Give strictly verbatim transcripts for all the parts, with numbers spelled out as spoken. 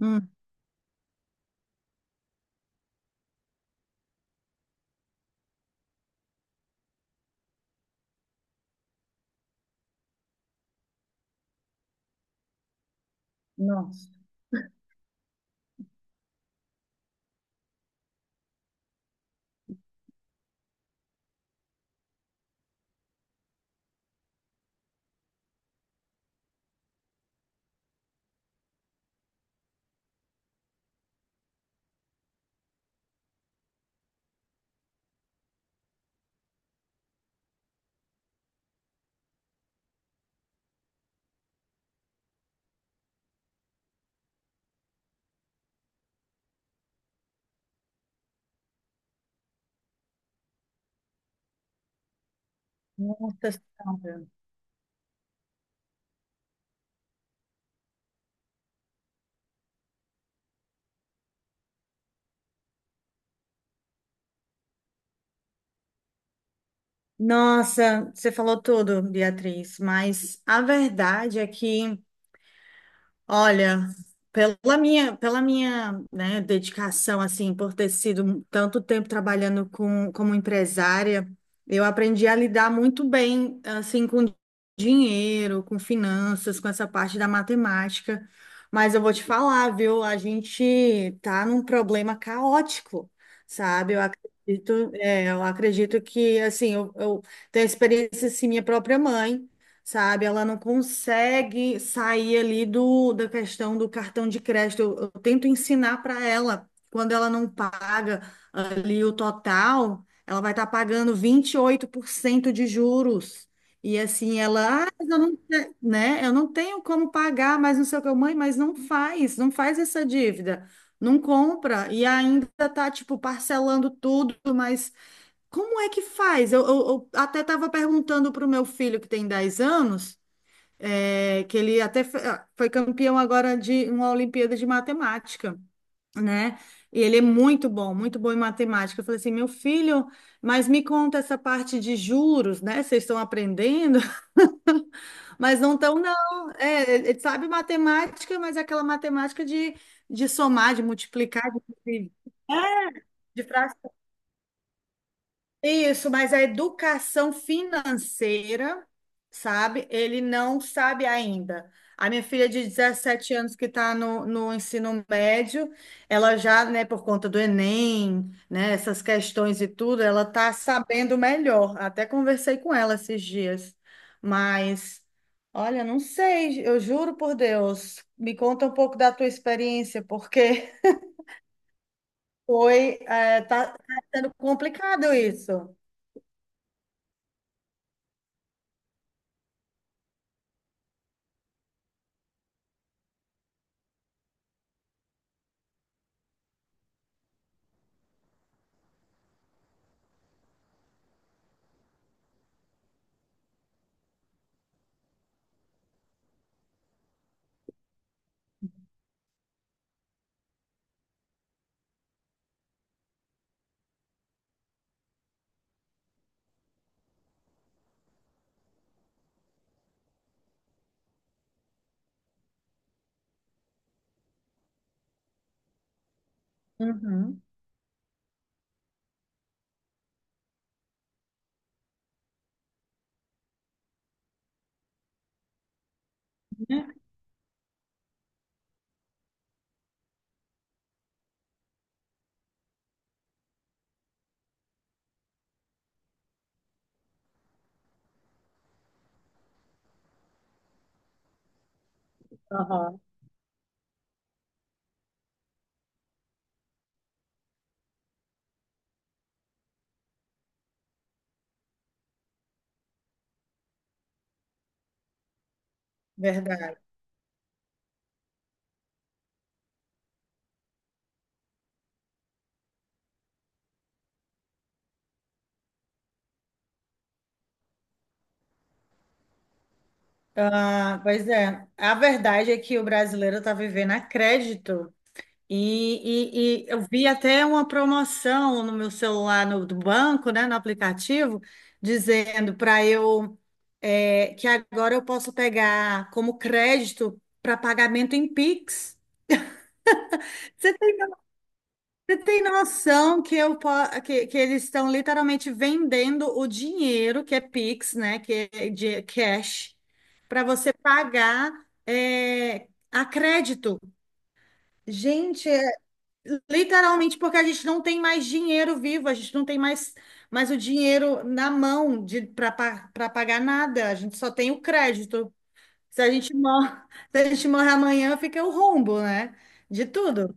Hum. Nossa, nossa senhora. Nossa, você falou tudo, Beatriz, mas a verdade é que, olha, pela minha, pela minha, né, dedicação, assim, por ter sido tanto tempo trabalhando com, como empresária, eu aprendi a lidar muito bem, assim, com dinheiro, com finanças, com essa parte da matemática. Mas eu vou te falar, viu? A gente tá num problema caótico, sabe? Eu acredito, é, eu acredito que, assim, eu, eu tenho experiência, assim, minha própria mãe, sabe? Ela não consegue sair ali do, da questão do cartão de crédito. Eu, eu tento ensinar para ela, quando ela não paga ali o total, ela vai estar pagando vinte e oito por cento de juros. E assim, ela, ah, mas eu não, te- né? Eu não tenho como pagar, mas não sei o que, mãe, mas não faz, não faz essa dívida. Não compra e ainda tá, tipo, parcelando tudo, mas como é que faz? Eu, eu- eu até estava perguntando para o meu filho, que tem dez anos, é, que ele até fe- ah, foi campeão agora de uma Olimpíada de Matemática, né? E ele é muito bom, muito bom em matemática. Eu falei assim, meu filho, mas me conta essa parte de juros, né? Vocês estão aprendendo, mas não estão, não. É, ele sabe matemática, mas é aquela matemática de, de somar, de multiplicar, de, de. Isso, mas a educação financeira, sabe? Ele não sabe ainda. A minha filha de dezessete anos que está no, no ensino médio, ela já, né, por conta do Enem, né, essas questões e tudo, ela está sabendo melhor. Até conversei com ela esses dias. Mas, olha, não sei, eu juro por Deus. Me conta um pouco da tua experiência, porque foi, é, tá, tá sendo complicado isso. Uhum. Aham, verdade. Ah, pois é, a verdade é que o brasileiro está vivendo a crédito. E, e, e eu vi até uma promoção no meu celular no, do banco, né, no aplicativo, dizendo para eu, é, que agora eu posso pegar como crédito para pagamento em Pix. Tem noção que, eu, po- que, que eles estão literalmente vendendo o dinheiro, que é Pix, né? Que é de cash, para você pagar, é, a crédito. Gente, é literalmente porque a gente não tem mais dinheiro vivo, a gente não tem mais, mais o dinheiro na mão de para pagar nada, a gente só tem o crédito. Se a gente morre, se a gente morre amanhã, fica o rombo, né? De tudo.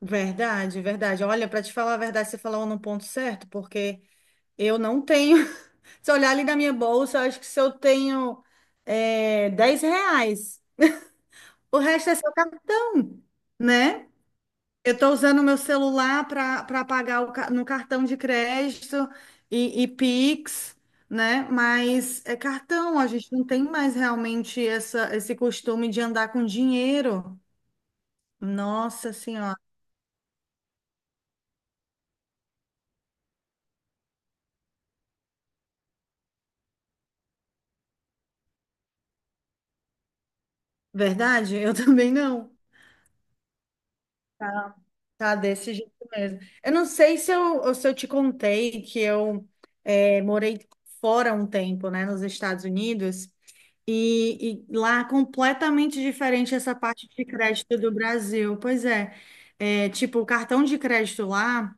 Verdade, verdade. Olha, para te falar a verdade, você falou no ponto certo, porque eu não tenho. Se eu olhar ali na minha bolsa, eu acho que se eu tenho, é, dez reais, o resto é seu cartão, né? Eu estou usando o meu celular para para pagar o ca- no cartão de crédito e, e Pix, né? Mas é cartão, a gente não tem mais realmente essa, esse costume de andar com dinheiro. Nossa Senhora. Verdade? Eu também não. Tá, tá desse jeito mesmo. Eu não sei se eu, se eu te contei que eu, é, morei fora um tempo, né, nos Estados Unidos, e, e lá é completamente diferente essa parte de crédito do Brasil. Pois é, é, tipo, o cartão de crédito lá,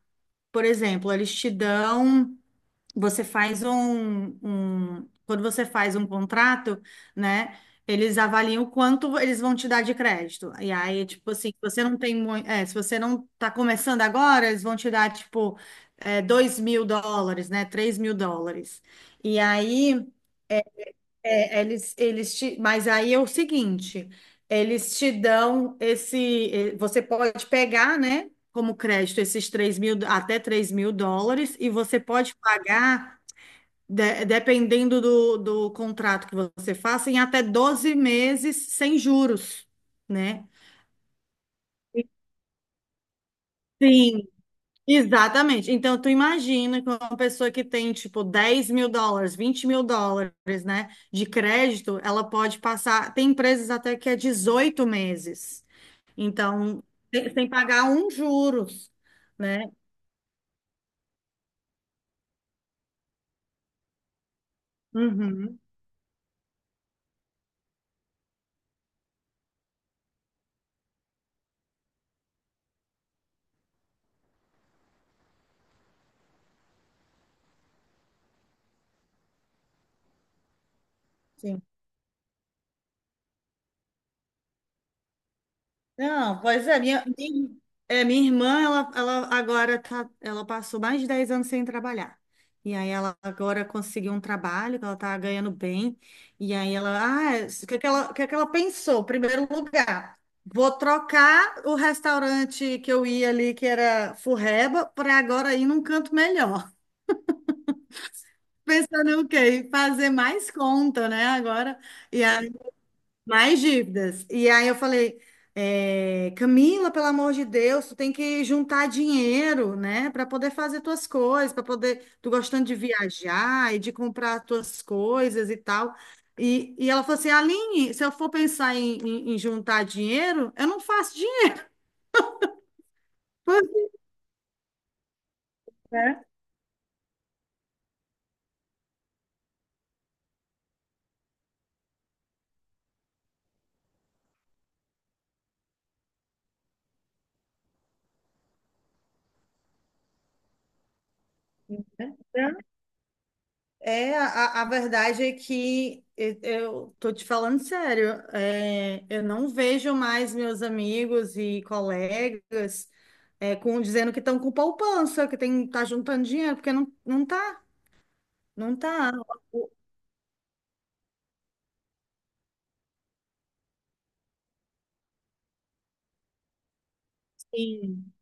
por exemplo, eles te dão. Você faz um, um- quando você faz um contrato, né? Eles avaliam o quanto eles vão te dar de crédito. E aí, tipo assim, se você não tem muito, se você não tá começando agora, eles vão te dar, tipo, é, dois mil dólares, né? Três mil dólares. E aí, é, eles, eles te, mas aí é o seguinte, eles te dão esse, eh, você pode pegar, né? Como crédito, esses três mil, até três mil dólares, e você pode pagar de- dependendo do, do contrato que você faça, em até doze meses sem juros, né? Sim, exatamente. Então, tu imagina que uma pessoa que tem, tipo, dez mil dólares, vinte mil dólares, né, de crédito, ela pode passar. Tem empresas até que é dezoito meses. Então, sem sem pagar um juros, né? Uhum, sim. Não, pois é, minha, minha, é, minha irmã, ela, ela agora tá, ela passou mais de dez anos sem trabalhar. E aí ela agora conseguiu um trabalho, que ela tá ganhando bem. E aí ela, ah, é, o que que ela, o que que ela pensou? Primeiro lugar, vou trocar o restaurante que eu ia ali, que era Furreba, para agora ir num canto melhor. Pensando o quê? Em fazer mais conta, né? Agora. E mais dívidas. E aí eu falei, é, Camila, pelo amor de Deus, tu tem que juntar dinheiro, né, para poder fazer tuas coisas, para poder, tu gostando de viajar e de comprar tuas coisas e tal. E, e ela falou assim, Aline, se eu for pensar em, em- em juntar dinheiro, eu não faço dinheiro. É. É, a, a verdade é que eu eu tô te falando sério, é, eu não vejo mais meus amigos e colegas, é, com, dizendo que estão com poupança, que tem, tá juntando dinheiro, porque não, não tá, não tá. O- Sim,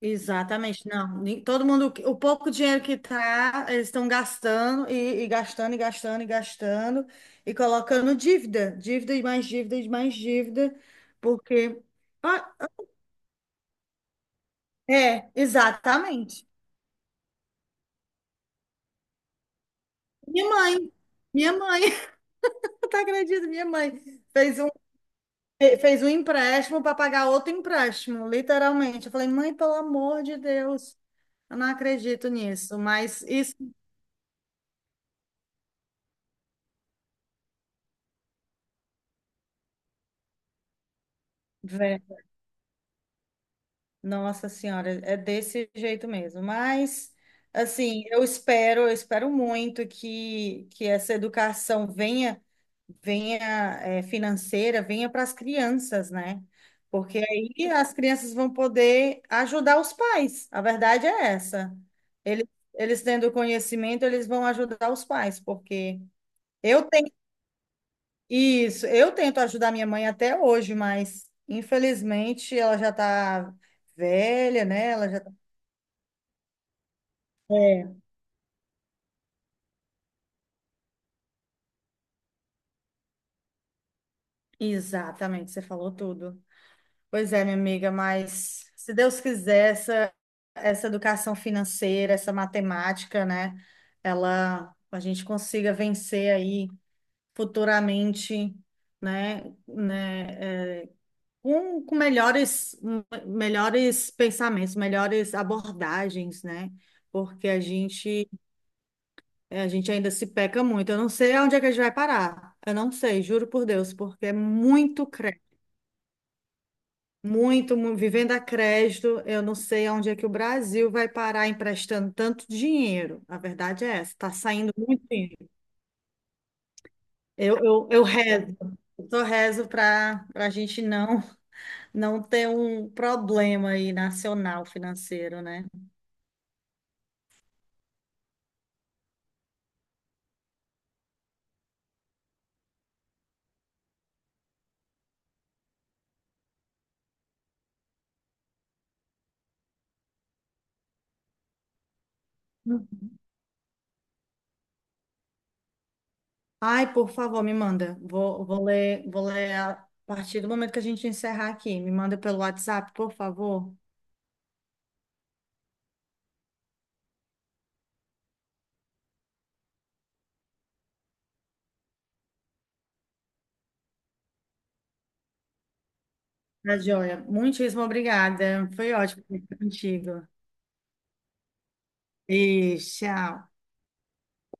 exatamente, não. Ni- Todo mundo, o pouco dinheiro que tá, eles estão gastando e, e gastando e gastando e gastando e colocando dívida, dívida e mais dívida e mais dívida, porque... É, exatamente. Minha mãe, minha mãe, tu acredito, minha mãe fez um, fez um empréstimo para pagar outro empréstimo, literalmente. Eu falei, mãe, pelo amor de Deus, eu não acredito nisso, mas isso, Nossa Senhora, é desse jeito mesmo. Mas, assim, eu espero, eu espero muito que, que essa educação venha, venha, eh, financeira, venha para as crianças, né? Porque aí as crianças vão poder ajudar os pais. A verdade é essa. Eles, eles tendo conhecimento, eles vão ajudar os pais, porque eu tenho isso, eu tento ajudar minha mãe até hoje, mas infelizmente ela já está velha, né? Ela já é, exatamente, você falou tudo. Pois é, minha amiga, mas se Deus quiser, essa, essa educação financeira, essa matemática, né, ela, a gente consiga vencer aí futuramente, né, né, é, com, com, melhores, melhores pensamentos, melhores abordagens, né, porque a gente, a gente ainda se peca muito. Eu não sei aonde é que a gente vai parar. Eu não sei, juro por Deus, porque é muito muito, mu- vivendo a crédito, eu não sei aonde é que o Brasil vai parar emprestando tanto dinheiro. A verdade é essa, está saindo muito dinheiro. Eu, eu, eu rezo, eu só rezo para a gente não, não ter um problema aí nacional financeiro, né? Ai, por favor, me manda. Vou, vou ler, vou ler a partir do momento que a gente encerrar aqui. Me manda pelo WhatsApp, por favor. Tá joia. Muitíssimo obrigada. Foi ótimo conversar contigo. E tchau.